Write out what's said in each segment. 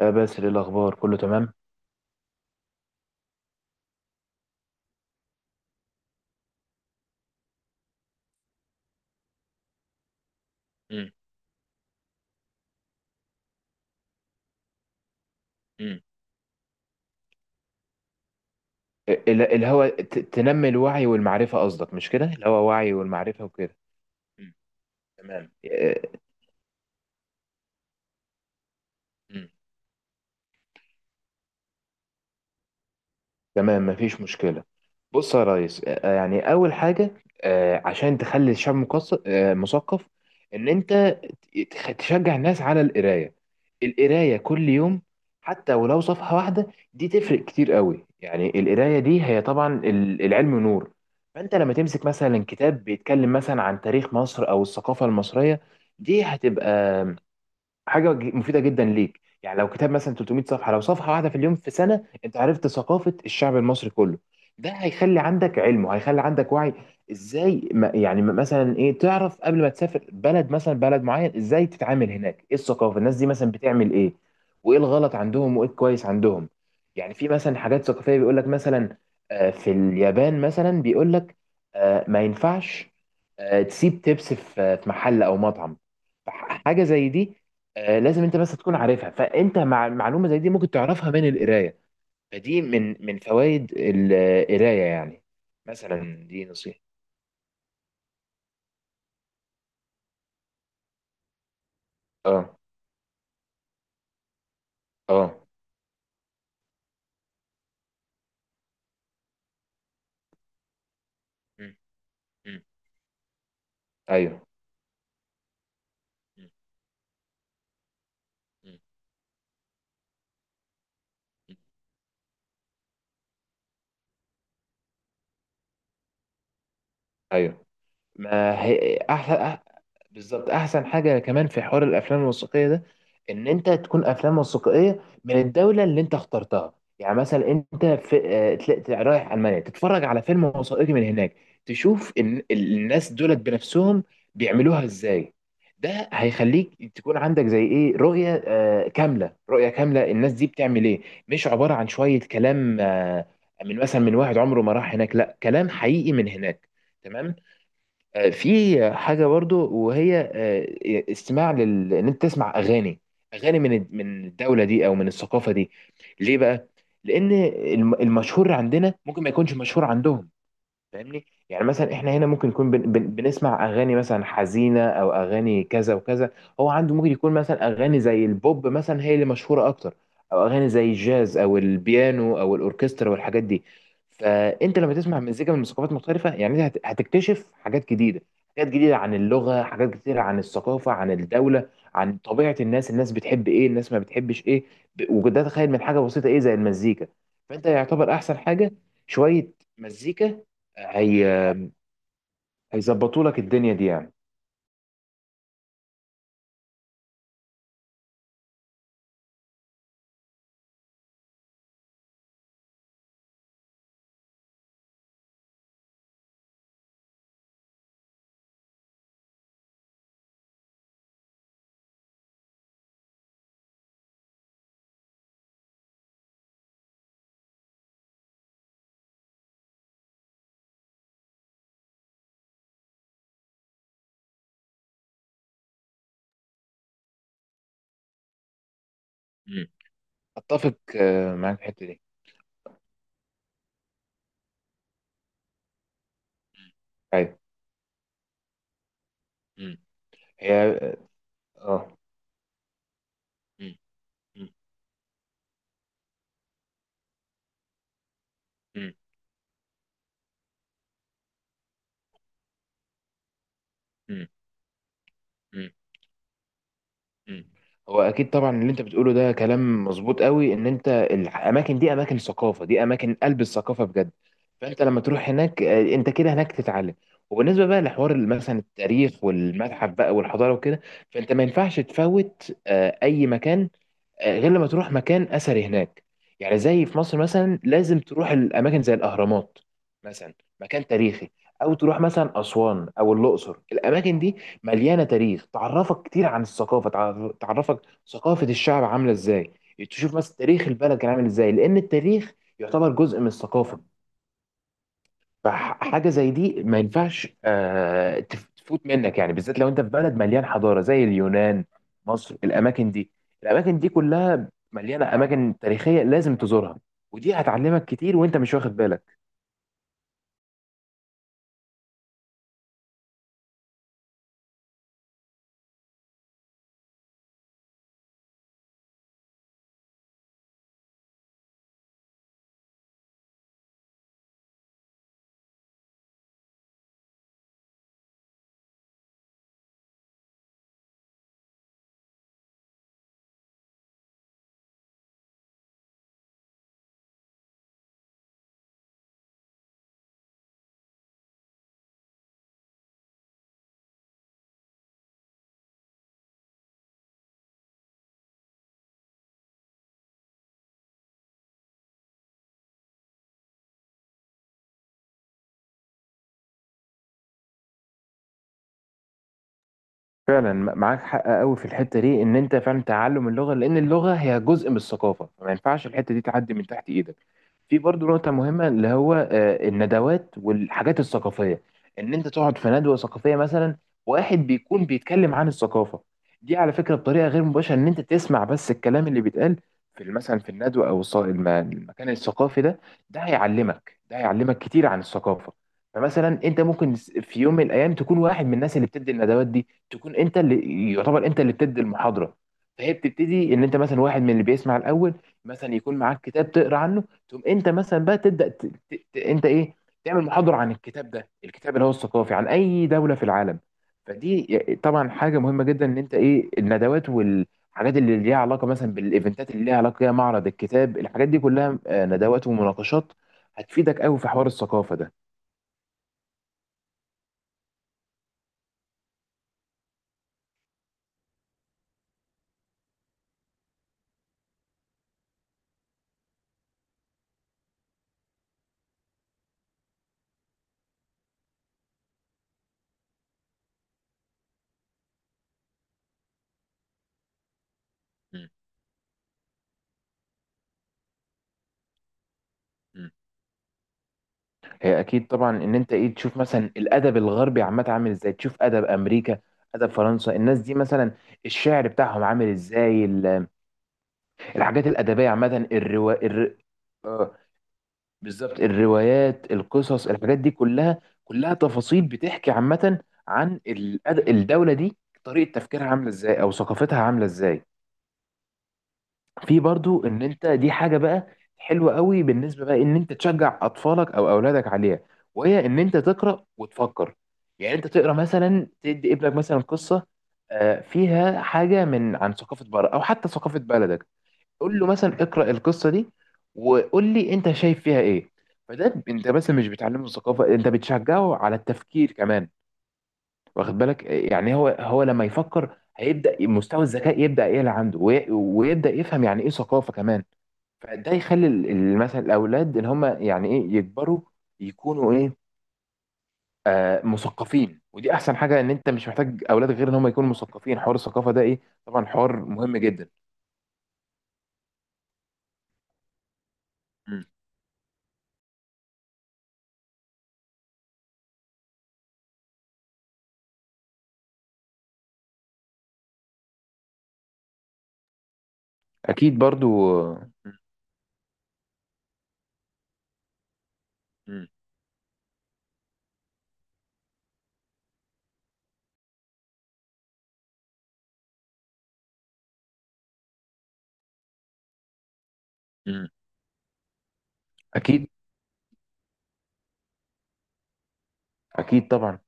باسل، إيه الأخبار؟ كله تمام. مم. مم. الهوى تنمي الوعي والمعرفة، قصدك؟ مش كده، الهوى وعي والمعرفة وكده. مم. تمام. مم. تمام، مفيش مشكلة. بص يا ريس، يعني أول حاجة، عشان تخلي الشعب مثقف، إن أنت تشجع الناس على القراية، القراية كل يوم، حتى ولو صفحة واحدة. دي تفرق كتير قوي، يعني القراية دي هي طبعا العلم نور. فأنت لما تمسك مثلا كتاب بيتكلم مثلا عن تاريخ مصر أو الثقافة المصرية، دي هتبقى حاجه مفيده جدا ليك. يعني لو كتاب مثلا 300 صفحه، لو صفحه واحده في اليوم في سنه، انت عرفت ثقافه الشعب المصري كله. ده هيخلي عندك علم وهيخلي عندك وعي. ازاي ما يعني مثلا ايه تعرف قبل ما تسافر بلد، مثلا بلد معين ازاي تتعامل هناك، ايه الثقافه، الناس دي مثلا بتعمل ايه، وايه الغلط عندهم وايه الكويس عندهم. يعني في مثلا حاجات ثقافيه بيقول لك، مثلا في اليابان مثلا بيقول لك ما ينفعش تسيب تبس في محل او مطعم، حاجه زي دي لازم انت بس تكون عارفها. فانت مع معلومه زي دي ممكن تعرفها من القرايه. فدي من فوائد القرايه يعني. مثلا، دي نصيحه. اه. اه. م- م. ايوه. م- م- م. ايوه، ما هي احسن. بالظبط احسن حاجه كمان في حوار الافلام الوثائقيه ده، ان انت تكون افلام وثائقيه من الدوله اللي انت اخترتها. يعني مثلا انت في تلاقي رايح المانيا، تتفرج على فيلم وثائقي من هناك، تشوف ان الناس دولت بنفسهم بيعملوها ازاي. ده هيخليك تكون عندك زي ايه، رؤيه كامله، رؤيه كامله، الناس دي بتعمل ايه، مش عباره عن شويه كلام من مثلا من واحد عمره ما راح هناك، لا، كلام حقيقي من هناك. تمام. في حاجة برضو، وهي ان انت تسمع اغاني، اغاني من الدولة دي او من الثقافة دي. ليه بقى؟ لان المشهور عندنا ممكن ما يكونش مشهور عندهم. فاهمني؟ يعني مثلا احنا هنا ممكن يكون بن بن بنسمع اغاني مثلا حزينه او اغاني كذا وكذا. هو عنده ممكن يكون مثلا اغاني زي البوب مثلا هي اللي مشهوره اكتر، او اغاني زي الجاز او البيانو او الاوركسترا والحاجات دي. فانت لما تسمع مزيكا من ثقافات مختلفه، يعني انت هتكتشف حاجات جديده، حاجات جديده عن اللغه، حاجات كتيره عن الثقافه، عن الدوله، عن طبيعه الناس. الناس بتحب ايه، الناس ما بتحبش ايه. وده تخيل من حاجه بسيطه ايه زي المزيكا. فانت يعتبر احسن حاجه شويه مزيكا هي هيظبطوا لك الدنيا دي يعني. مم. اتفق معاك في الحته دي. ايوه. مم. هي. اه. مم. مم. مم. مم. مم. مم. هو اكيد طبعا اللي انت بتقوله ده كلام مظبوط قوي، ان انت الاماكن دي اماكن ثقافه، دي اماكن قلب الثقافه بجد. فانت لما تروح هناك انت كده هناك تتعلم. وبالنسبه بقى لحوار مثلا التاريخ والمتحف بقى والحضاره وكده، فانت ما ينفعش تفوت اي مكان، غير لما تروح مكان اثري هناك. يعني زي في مصر مثلا، لازم تروح الاماكن زي الاهرامات مثلا، مكان تاريخي، او تروح مثلا اسوان او الاقصر. الاماكن دي مليانه تاريخ، تعرفك كتير عن الثقافه، تعرفك ثقافه الشعب عامله ازاي، تشوف مثلا تاريخ البلد كان عامل ازاي، لان التاريخ يعتبر جزء من الثقافه. فحاجه زي دي ما ينفعش تفوت منك، يعني بالذات لو انت في بلد مليان حضاره زي اليونان، مصر، الاماكن دي. الاماكن دي كلها مليانه اماكن تاريخيه، لازم تزورها، ودي هتعلمك كتير وانت مش واخد بالك. فعلا معاك حق قوي في الحته دي، ان انت فعلا تعلم اللغه، لان اللغه هي جزء من الثقافه، فما ينفعش الحته دي تعدي من تحت ايدك. في برضو نقطه مهمه اللي هو الندوات والحاجات الثقافيه، ان انت تقعد في ندوه ثقافيه مثلا، واحد بيكون بيتكلم عن الثقافه دي على فكره بطريقه غير مباشره، ان انت تسمع بس الكلام اللي بيتقال في مثلا في الندوه، او المكان الثقافي ده. ده هيعلمك كتير عن الثقافه. فمثلا انت ممكن في يوم من الايام تكون واحد من الناس اللي بتدي الندوات دي، تكون انت اللي يعتبر انت اللي بتدي المحاضره. فهي بتبتدي ان انت مثلا واحد من اللي بيسمع الاول، مثلا يكون معاك كتاب تقرا عنه، تقوم انت مثلا بقى تبدا انت ايه، تعمل محاضره عن الكتاب ده، الكتاب اللي هو الثقافي عن اي دوله في العالم. فدي طبعا حاجه مهمه جدا، ان انت ايه، الندوات والحاجات اللي ليها علاقه مثلا بالايفنتات اللي ليها علاقه بيها، معرض الكتاب، الحاجات دي كلها ندوات ومناقشات، هتفيدك قوي في حوار الثقافه ده. م. م. هي اكيد طبعا، ان انت ايه، تشوف مثلا الادب الغربي عامه عامل ازاي، تشوف ادب امريكا، ادب فرنسا، الناس دي مثلا الشعر بتاعهم عامل ازاي، الحاجات الادبيه عامه، آه بالظبط، الروايات، القصص، الحاجات دي كلها كلها تفاصيل بتحكي عامه عن الدوله دي، طريقه تفكيرها عامله ازاي، او ثقافتها عامله ازاي. في برضو ان انت دي حاجه بقى حلوه قوي بالنسبه، بقى ان انت تشجع اطفالك او اولادك عليها، وهي ان انت تقرا وتفكر. يعني انت تقرا مثلا، تدي ابنك مثلا قصه فيها حاجه عن ثقافه بره، او حتى ثقافه بلدك، قول له مثلا اقرا القصه دي، وقول لي انت شايف فيها ايه. فده انت مثلا مش بتعلمه الثقافه، انت بتشجعه على التفكير كمان. واخد بالك؟ يعني هو لما يفكر هيبدا مستوى الذكاء يبدا يعلى عنده، ويبدا يفهم يعني ايه ثقافه كمان. فده يخلي مثلا الاولاد، ان هم يعني ايه، يكبروا يكونوا ايه، مثقفين. ودي احسن حاجه، ان انت مش محتاج اولاد غير ان هم يكونوا مثقفين. حوار الثقافه ده ايه؟ طبعا حوار مهم جدا. مم. اكيد برضو. مم. مم. مم. اكيد. اكيد طبعا.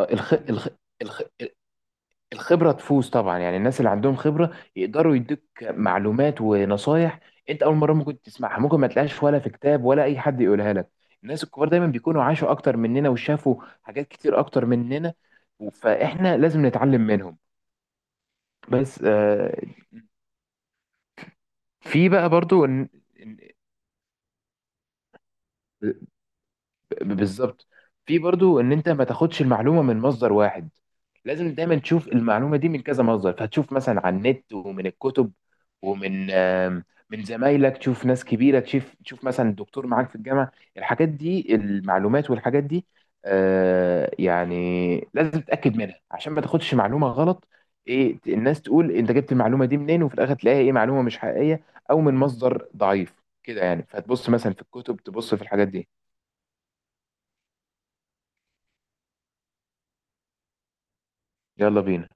الخ... الخ... الخ... الخبرة تفوز طبعا، يعني الناس اللي عندهم خبرة يقدروا يدوك معلومات ونصايح انت اول مرة ممكن تسمعها، ممكن ما تلاقيهاش ولا في كتاب ولا اي حد يقولها لك. الناس الكبار دايما بيكونوا عاشوا اكتر مننا، وشافوا حاجات كتير اكتر مننا، فاحنا لازم نتعلم منهم. بس في بقى برضو إن- بالظبط. في برضو ان انت ما تاخدش المعلومه من مصدر واحد، لازم دايما تشوف المعلومه دي من كذا مصدر. فهتشوف مثلا على النت، ومن الكتب، ومن آم، من زمايلك، تشوف ناس كبيره، تشوف مثلا دكتور معاك في الجامعه. الحاجات دي، المعلومات والحاجات دي يعني لازم تتاكد منها عشان ما تاخدش معلومه غلط. ايه الناس تقول انت جبت المعلومه دي منين، وفي الاخر تلاقيها ايه، معلومه مش حقيقيه، او من مصدر ضعيف كده يعني. فتبص مثلا في الكتب، تبص في الحاجات دي. يلا بينا.